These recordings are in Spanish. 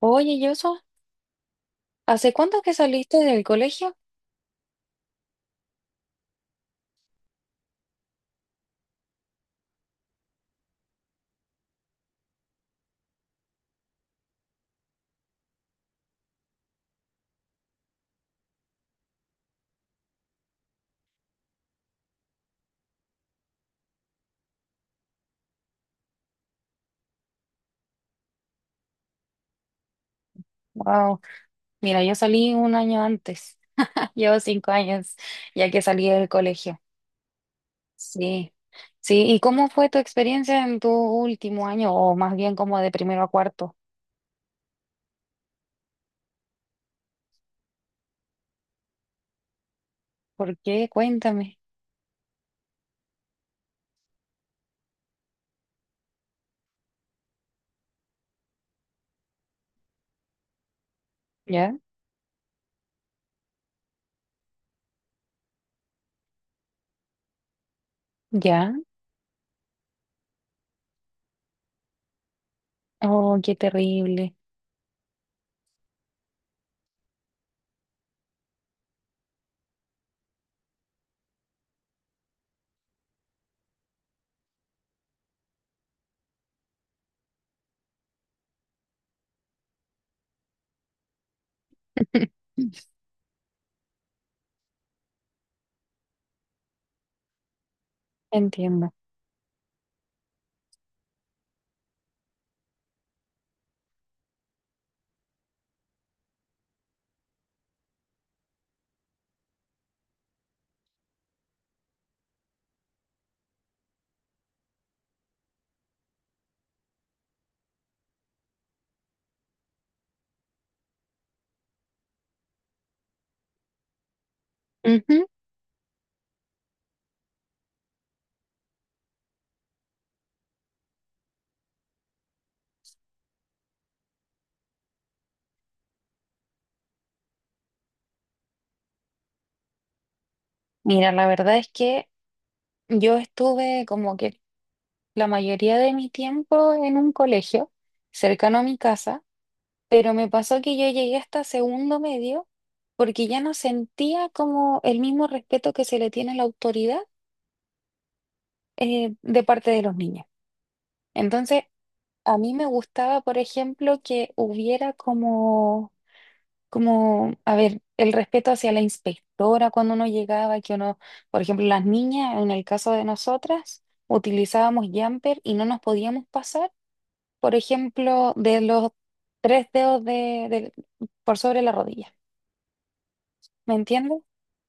Oye, Yoso, ¿hace cuánto que saliste del colegio? Wow, mira, yo salí un año antes. Llevo 5 años ya que salí del colegio. Sí, sí. ¿Y cómo fue tu experiencia en tu último año, o más bien como de primero a cuarto? ¿Por qué? Cuéntame. ¿Ya? ¿Ya? Oh, qué terrible. Entiendo. Ujú. Mira, la verdad es que yo estuve como que la mayoría de mi tiempo en un colegio cercano a mi casa. Pero me pasó que yo llegué hasta segundo medio porque ya no sentía como el mismo respeto que se le tiene a la autoridad de parte de los niños. Entonces, a mí me gustaba, por ejemplo, que hubiera como, a ver, el respeto hacia la inspectora cuando uno llegaba, que uno, por ejemplo, las niñas, en el caso de nosotras, utilizábamos jumper y no nos podíamos pasar, por ejemplo, de los tres dedos por sobre la rodilla. ¿Me entiendes?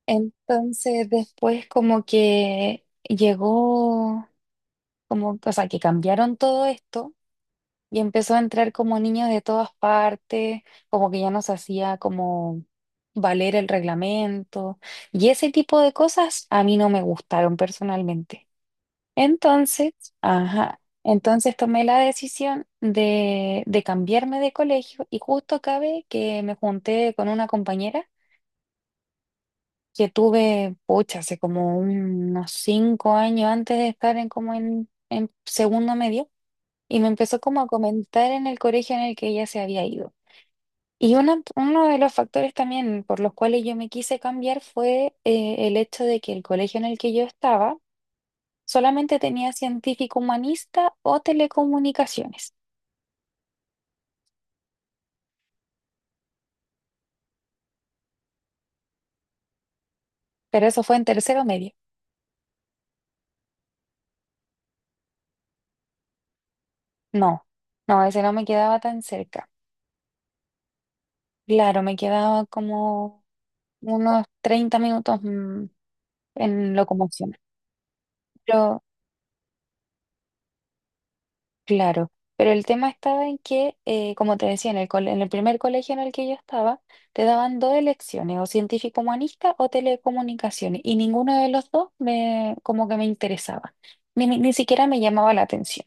Entonces después como que llegó, como, o sea, que cambiaron todo esto y empezó a entrar como niños de todas partes, como que ya nos hacía como valer el reglamento y ese tipo de cosas a mí no me gustaron personalmente. Entonces, ajá, entonces tomé la decisión de cambiarme de colegio y justo cabe que me junté con una compañera que tuve, pucha, hace como unos 5 años antes de estar en como en segundo medio, y me empezó como a comentar en el colegio en el que ella se había ido. Y uno de los factores también por los cuales yo me quise cambiar fue el hecho de que el colegio en el que yo estaba solamente tenía científico humanista o telecomunicaciones, pero eso fue en tercero medio. No, no, ese no me quedaba tan cerca. Claro, me quedaba como unos 30 minutos en locomoción. Pero, claro, pero el tema estaba en que, como te decía, en el primer colegio en el que yo estaba, te daban dos elecciones, o científico humanista o telecomunicaciones, y ninguno de los dos me, como que me interesaba, ni siquiera me llamaba la atención.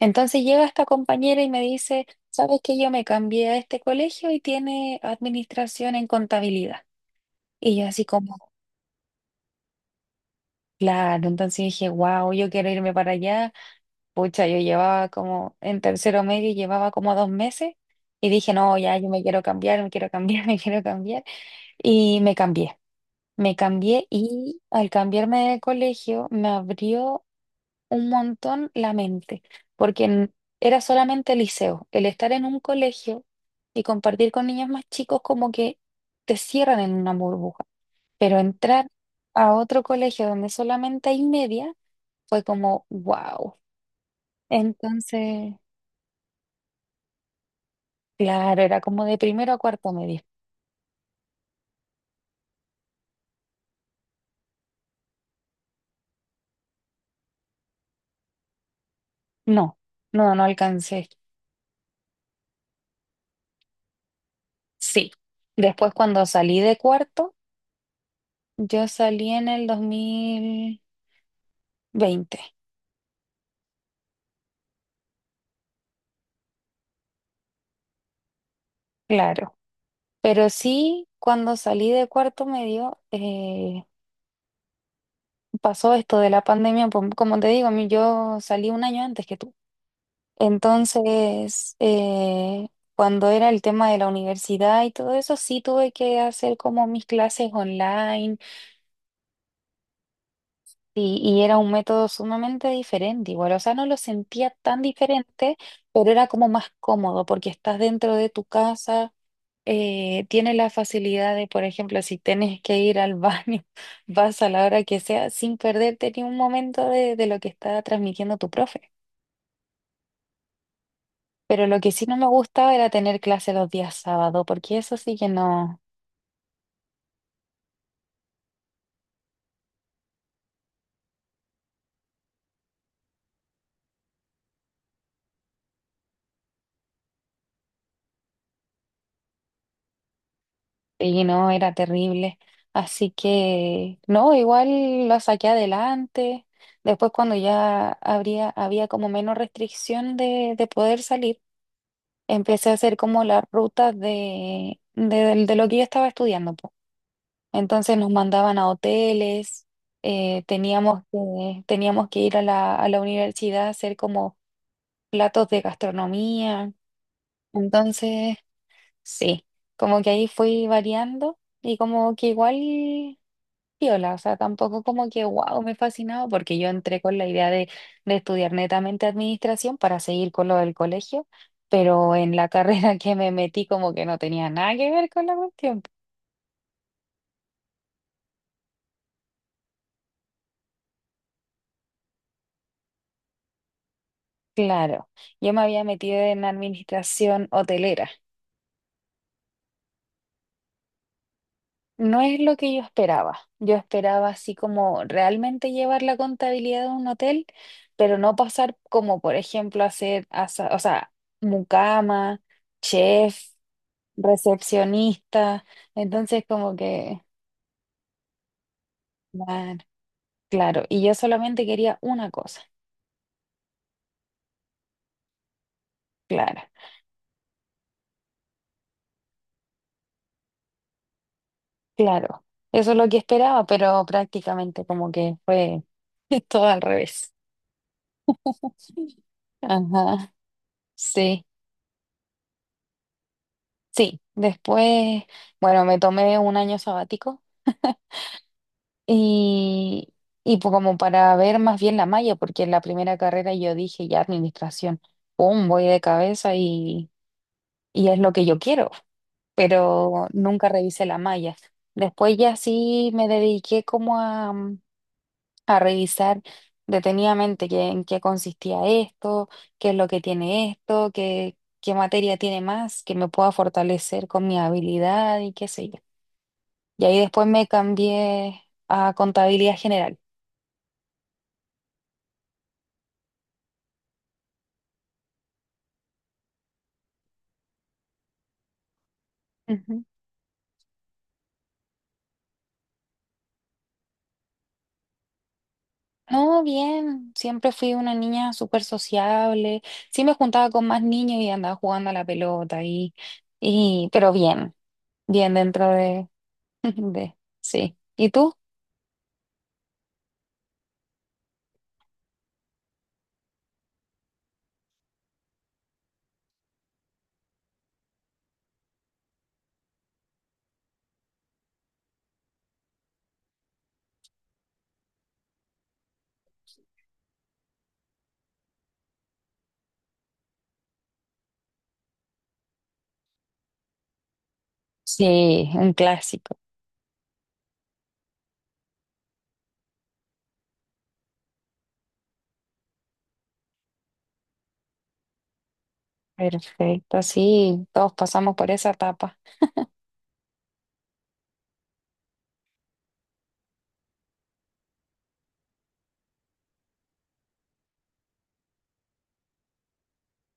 Entonces llega esta compañera y me dice, ¿sabes que yo me cambié a este colegio y tiene administración en contabilidad? Y yo así como, claro, entonces dije, wow, yo quiero irme para allá. Pucha, yo llevaba como en tercero medio, y llevaba como 2 meses y dije, no, ya, yo me quiero cambiar, me quiero cambiar. Y me cambié y al cambiarme de colegio me abrió un montón la mente, porque era solamente liceo. El estar en un colegio y compartir con niños más chicos como que te cierran en una burbuja, pero entrar a otro colegio donde solamente hay media fue como, wow. Entonces. Claro, era como de primero a cuarto medio. No, no, no alcancé. Sí. Después cuando salí de cuarto, yo salí en el 2020. Claro. Pero sí, cuando salí de cuarto medio, pasó esto de la pandemia. Como te digo, a mí yo salí un año antes que tú. Entonces, cuando era el tema de la universidad y todo eso, sí tuve que hacer como mis clases online. Sí, y era un método sumamente diferente, igual, o sea, no lo sentía tan diferente, pero era como más cómodo porque estás dentro de tu casa, tienes la facilidad de, por ejemplo, si tienes que ir al baño, vas a la hora que sea sin perderte ni un momento de lo que está transmitiendo tu profe. Pero lo que sí no me gustaba era tener clase los días sábado, porque eso sí que no. Y no, era terrible. Así que, no, igual lo saqué adelante. Después, cuando ya había como menos restricción de poder salir, empecé a hacer como las rutas de lo que yo estaba estudiando, po. Entonces nos mandaban a hoteles, teníamos que ir a la universidad a hacer como platos de gastronomía. Entonces, sí, como que ahí fui variando y como que igual, piola, o sea, tampoco como que wow, me fascinaba porque yo entré con la idea de estudiar netamente administración para seguir con lo del colegio, pero en la carrera que me metí como que no tenía nada que ver con la cuestión. Claro, yo me había metido en administración hotelera. No es lo que yo esperaba. Yo esperaba así como realmente llevar la contabilidad de un hotel, pero no pasar como, por ejemplo, o sea, mucama, chef. Recepcionista, entonces como que, man, claro, y yo solamente quería una cosa, claro, claro, eso es lo que esperaba, pero prácticamente como que fue todo al revés. Ajá, sí, sí, después, bueno, me tomé un año sabático y, y pues como para ver más bien la malla, porque en la primera carrera yo dije ya administración, pum, voy de cabeza y es lo que yo quiero. Pero nunca revisé la malla. Después ya sí me dediqué como a revisar detenidamente qué, en qué consistía esto, qué es lo que tiene esto, qué, materia tiene más, que me pueda fortalecer con mi habilidad y qué sé yo. Y ahí después me cambié a contabilidad general. No, bien, siempre fui una niña súper sociable, sí me juntaba con más niños y andaba jugando a la pelota y pero bien, bien dentro de, de, sí. ¿Y tú? Sí, un clásico. Perfecto, sí, todos pasamos por esa etapa.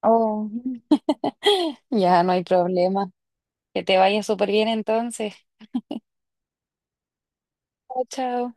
Oh, ya no hay problema. Que te vaya súper bien entonces. Chao, chao.